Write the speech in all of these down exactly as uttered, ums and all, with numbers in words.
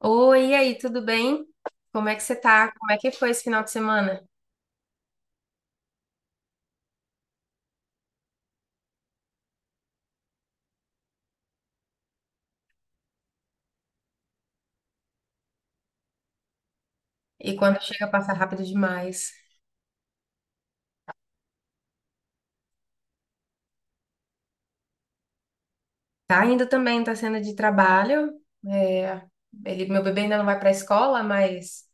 Oi, e aí, tudo bem? Como é que você tá? Como é que foi esse final de semana? E quando chega, passa rápido demais. Tá indo também, tá sendo de trabalho. É, ele, meu bebê ainda não vai pra escola, mas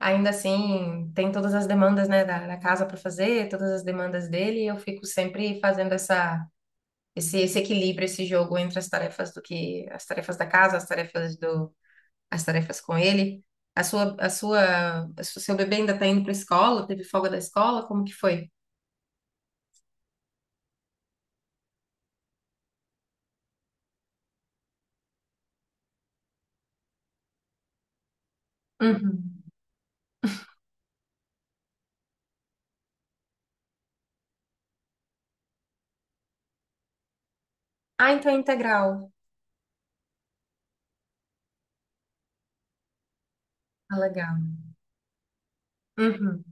ainda assim tem todas as demandas, né, da, da casa para fazer, todas as demandas dele, e eu fico sempre fazendo essa, esse, esse equilíbrio, esse jogo entre as tarefas do que, as tarefas da casa, as tarefas do as tarefas com ele? A sua, a sua, o seu bebê ainda está indo para a escola? Teve folga da escola? Como que foi? Uhum. Ah, então é integral. Ah, legal. Uhum,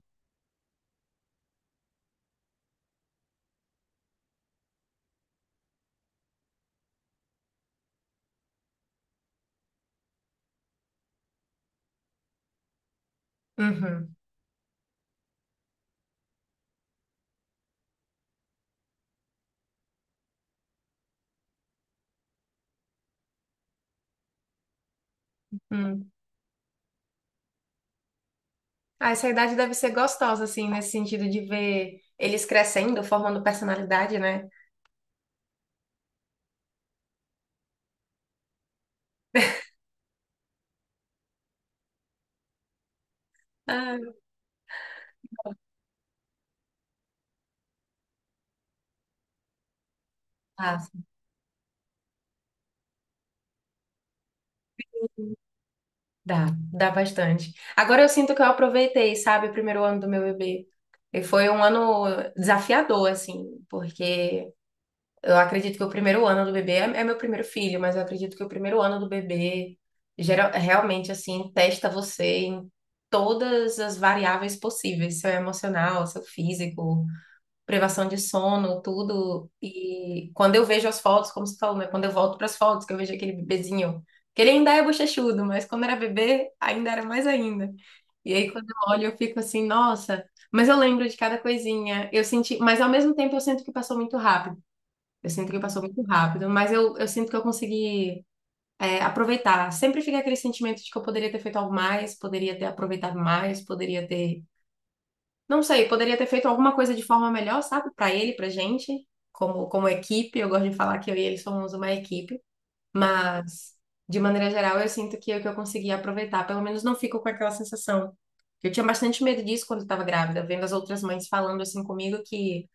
uhum, uhum. Ah, essa idade deve ser gostosa, assim, nesse sentido de ver eles crescendo, formando personalidade, né? Ah, ah, dá, dá bastante. Agora eu sinto que eu aproveitei, sabe, o primeiro ano do meu bebê. E foi um ano desafiador, assim, porque eu acredito que o primeiro ano do bebê é, é meu primeiro filho, mas eu acredito que o primeiro ano do bebê geral, realmente assim testa você em todas as variáveis possíveis, seu emocional, seu físico, privação de sono, tudo. E quando eu vejo as fotos, como você falou, né? Quando eu volto para as fotos, que eu vejo aquele bebezinho, que ele ainda é bochechudo, mas quando era bebê, ainda era mais ainda. E aí quando eu olho, eu fico assim, nossa, mas eu lembro de cada coisinha. Eu senti, mas ao mesmo tempo eu sinto que passou muito rápido. Eu sinto que passou muito rápido, mas eu, eu sinto que eu consegui, é, aproveitar. Sempre fica aquele sentimento de que eu poderia ter feito algo mais, poderia ter aproveitado mais, poderia ter, não sei, poderia ter feito alguma coisa de forma melhor, sabe? Pra ele, pra gente, como, como equipe. Eu gosto de falar que eu e ele somos uma equipe, mas de maneira geral eu sinto que é o que eu consegui aproveitar. Pelo menos não fico com aquela sensação. Eu tinha bastante medo disso quando eu estava grávida, vendo as outras mães falando assim comigo que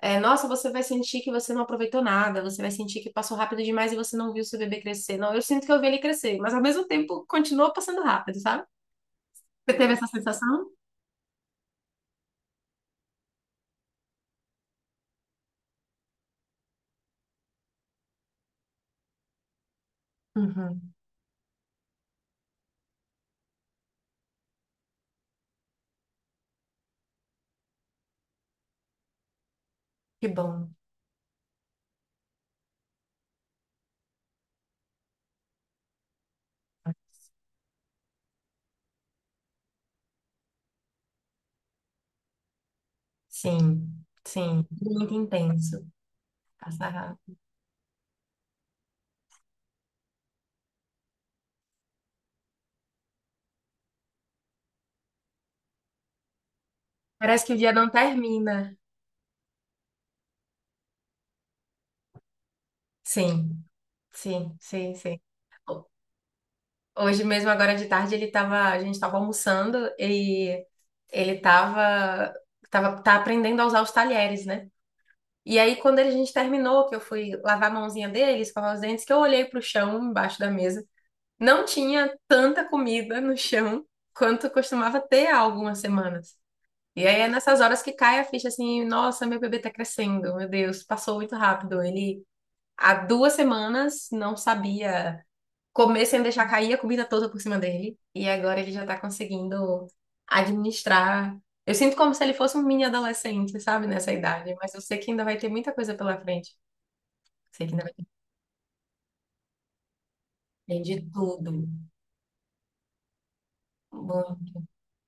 é, nossa, você vai sentir que você não aproveitou nada, você vai sentir que passou rápido demais e você não viu seu bebê crescer. Não, eu sinto que eu vi ele crescer, mas ao mesmo tempo continuou passando rápido, sabe? Você teve essa sensação? Uhum, que bom. Sim, sim, muito intenso. Passar rápido. Parece que o dia não termina. Sim, sim, sim, sim. Ho- Hoje mesmo, agora de tarde, ele tava, a gente estava almoçando e ele estava tava, tava- tá aprendendo a usar os talheres, né? E aí, quando a gente terminou, que eu fui lavar a mãozinha dele, escovar os dentes, que eu olhei pro chão, embaixo da mesa, não tinha tanta comida no chão quanto costumava ter há algumas semanas. E aí é nessas horas que cai a ficha assim, nossa, meu bebê tá crescendo, meu Deus, passou muito rápido. Ele há duas semanas não sabia comer sem deixar cair a comida toda por cima dele. E agora ele já tá conseguindo administrar. Eu sinto como se ele fosse um mini adolescente, sabe, nessa idade. Mas eu sei que ainda vai ter muita coisa pela frente. Sei que ainda vai ter de tudo. Muito,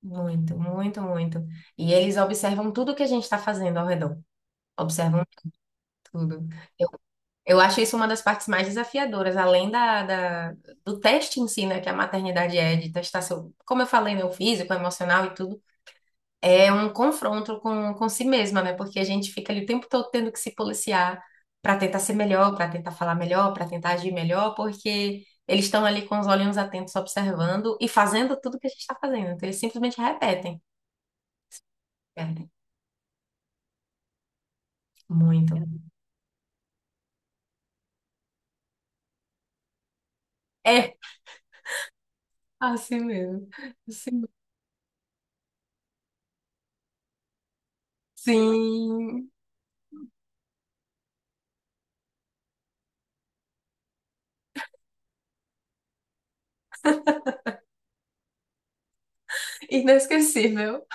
muito, muito, muito. E eles observam tudo que a gente está fazendo ao redor. Observam tudo. Eu, eu acho isso uma das partes mais desafiadoras, além da, da- do teste em si, né, que a maternidade é, de testar seu, como eu falei, meu físico, emocional e tudo. É um confronto com, com si mesma, né? Porque a gente fica ali o tempo todo tendo que se policiar para tentar ser melhor, para tentar falar melhor, para tentar agir melhor, porque eles estão ali com os olhinhos atentos observando e fazendo tudo que a gente está fazendo. Então, eles simplesmente repetem. Repetem muito. É assim mesmo. Assim. Sim. Inesquecível.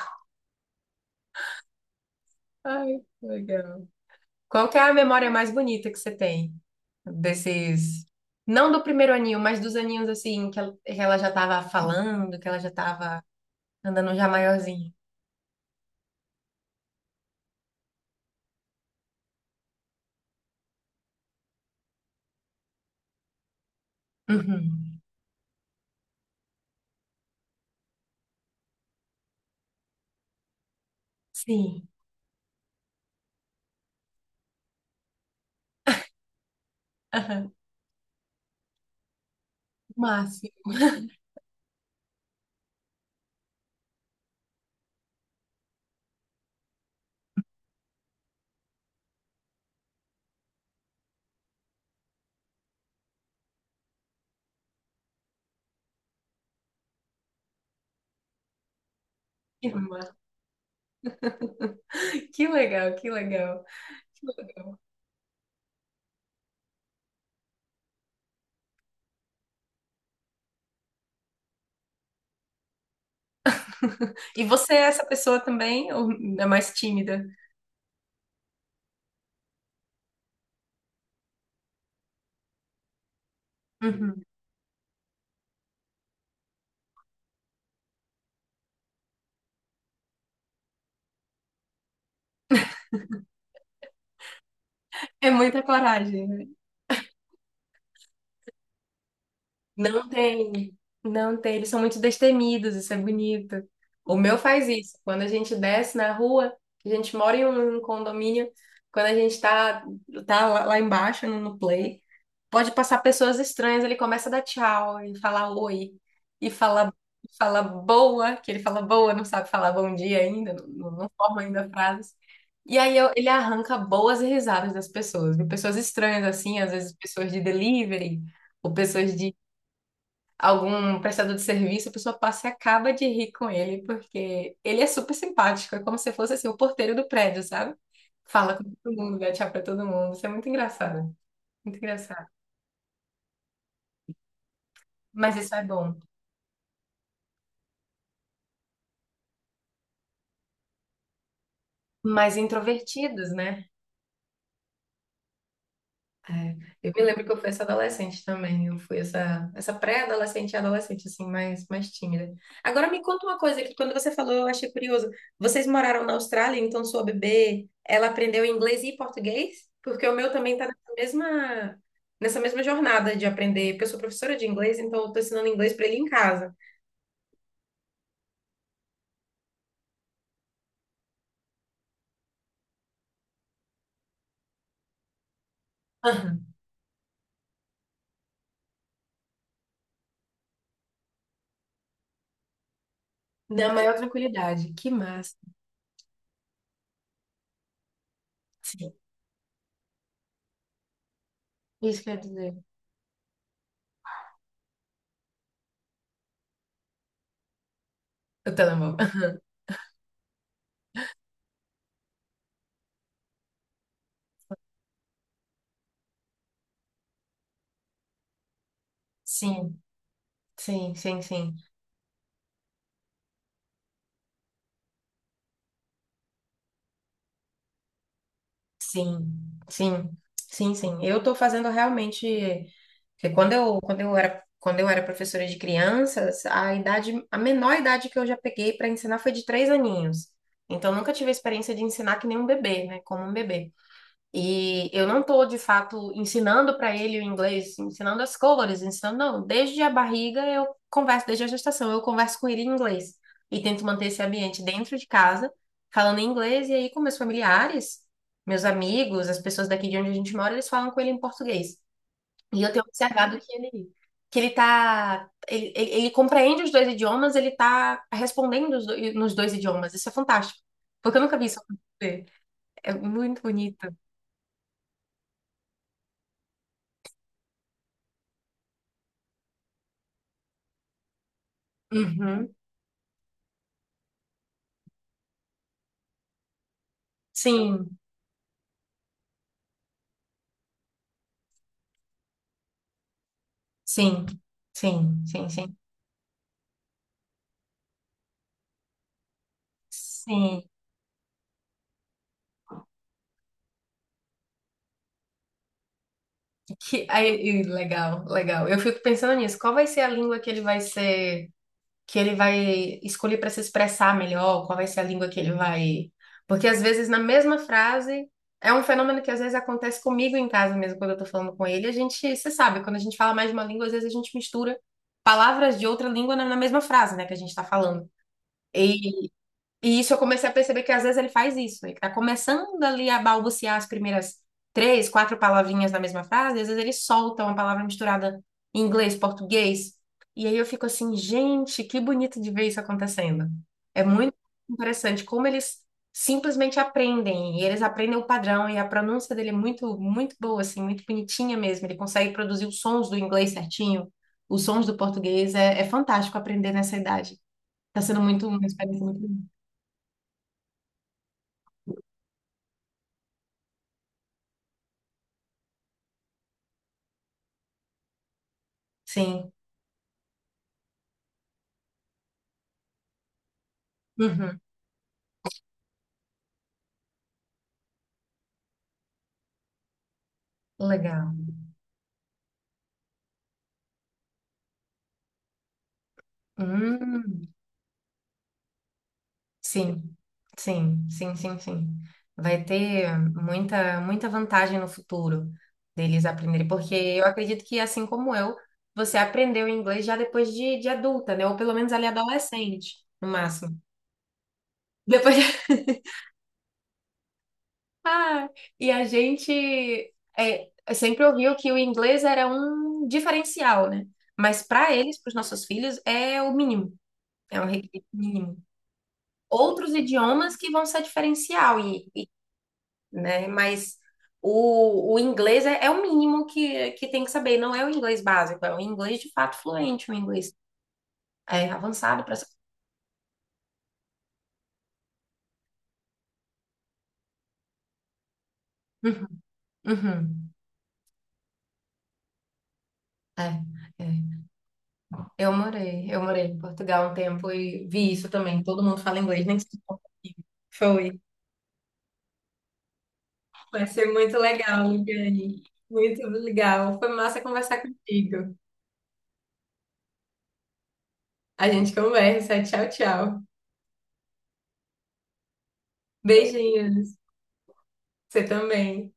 Ai, que legal. Qual que é a memória mais bonita que você tem? Desses. Não do primeiro aninho, mas dos aninhos assim, que ela, que ela já tava falando, que ela já tava andando já maiorzinha. Uhum. Sim. Aham. Máximo. Que ma- que legal, que legal. Que legal. E você é essa pessoa também, ou é mais tímida? Uhum. É muita coragem. Não tem, não tem. Eles são muito destemidos, isso é bonito. O meu faz isso. Quando a gente desce na rua, a gente mora em um condomínio, quando a gente tá, tá lá lá embaixo no, no play, pode passar pessoas estranhas, ele começa a dar tchau e falar oi, e fala, fala boa, que ele fala boa, não sabe falar bom dia ainda, não, não não forma ainda frases. E aí eu- ele arranca boas risadas das pessoas, viu? Pessoas estranhas assim, às vezes pessoas de delivery, ou pessoas de algum prestador de serviço, a pessoa passa e acaba de rir com ele, porque ele é super simpático, é como se fosse assim, o porteiro do prédio, sabe? Fala com todo mundo, dá tchau pra todo mundo. Isso é muito engraçado, muito engraçado. Mas isso é bom. Mas introvertidos, né? É, eu me lembro que eu fui essa adolescente também. Eu fui essa, essa pré-adolescente e adolescente, assim, mais, mais tímida. Agora me conta uma coisa que quando você falou eu achei curioso. Vocês moraram na Austrália, então sua bebê, ela aprendeu inglês e português? Porque o meu também tá nessa mesma, nessa mesma jornada de aprender. Porque eu sou professora de inglês, então eu tô ensinando inglês para ele em casa. Aham. Na maior tranquilidade. Que massa. Sim. Isso quer dizer. O telemóvel. Sim, sim, sim, sim. Sim, sim, sim, sim. Eu estou fazendo realmente, porque quando eu, quando eu era, quando eu era professora de crianças, a idade, a menor idade que eu já peguei para ensinar foi de três aninhos. Então nunca tive a experiência de ensinar que nem um bebê, né? Como um bebê. E eu não estou, de fato, ensinando para ele o inglês, ensinando as cores, ensinando, não. Desde a barriga eu converso, desde a gestação, eu converso com ele em inglês. E tento manter esse ambiente dentro de casa, falando em inglês, e aí com meus familiares, meus amigos, as pessoas daqui de onde a gente mora, eles falam com ele em português. E eu tenho observado que ele, que ele tá, ele, ele, ele compreende os dois idiomas, ele tá respondendo os dois- nos dois idiomas. Isso é fantástico, porque eu nunca vi isso acontecer. É muito bonito. Uhum. Sim, sim, sim, sim, sim. Sim, que aí, e legal, legal. Eu fico pensando nisso. Qual vai ser a língua que ele vai ser, que ele vai escolher para se expressar melhor? Qual vai ser a língua que ele vai? Porque às vezes na mesma frase é um fenômeno que às vezes acontece comigo em casa mesmo quando eu tô falando com ele. A gente, você sabe, quando a gente fala mais de uma língua, às vezes a gente mistura palavras de outra língua na na mesma frase, né, que a gente tá falando. E isso eu comecei a perceber que às vezes ele faz isso. Ele tá começando ali a balbuciar as primeiras três, quatro palavrinhas da mesma frase, às vezes ele solta uma palavra misturada em inglês, português. E aí eu fico assim, gente, que bonito de ver isso acontecendo. É muito interessante como eles simplesmente aprendem, e eles aprendem o padrão, e a pronúncia dele é muito, muito boa, assim, muito bonitinha mesmo. Ele consegue produzir os sons do inglês certinho, os sons do português. É, é fantástico aprender nessa idade. Tá sendo muito, uma experiência muito. Boa. Sim. Uhum, legal. Hum, sim, sim, sim, sim, sim. Vai ter muita, muita vantagem no futuro deles aprenderem, porque eu acredito que, assim como eu, você aprendeu inglês já depois de, de adulta, né? Ou pelo menos ali adolescente, no máximo. Depois de... Ah, e a gente é, sempre ouviu que o inglês era um diferencial, né? Mas para eles, para os nossos filhos, é o mínimo, é um requisito mínimo. Outros idiomas que vão ser diferencial, e, e, né? Mas o, o inglês é, é o mínimo que, que tem que saber, não é o inglês básico, é o inglês de fato fluente, o inglês é avançado para. Uhum, uhum, é, é. Eu morei, eu morei em Portugal um tempo e vi isso também. Todo mundo fala inglês, nem sei como foi. Vai ser muito legal, Liane. Muito legal. Foi massa conversar contigo. A gente conversa. Tchau, tchau. Beijinhos. Você também.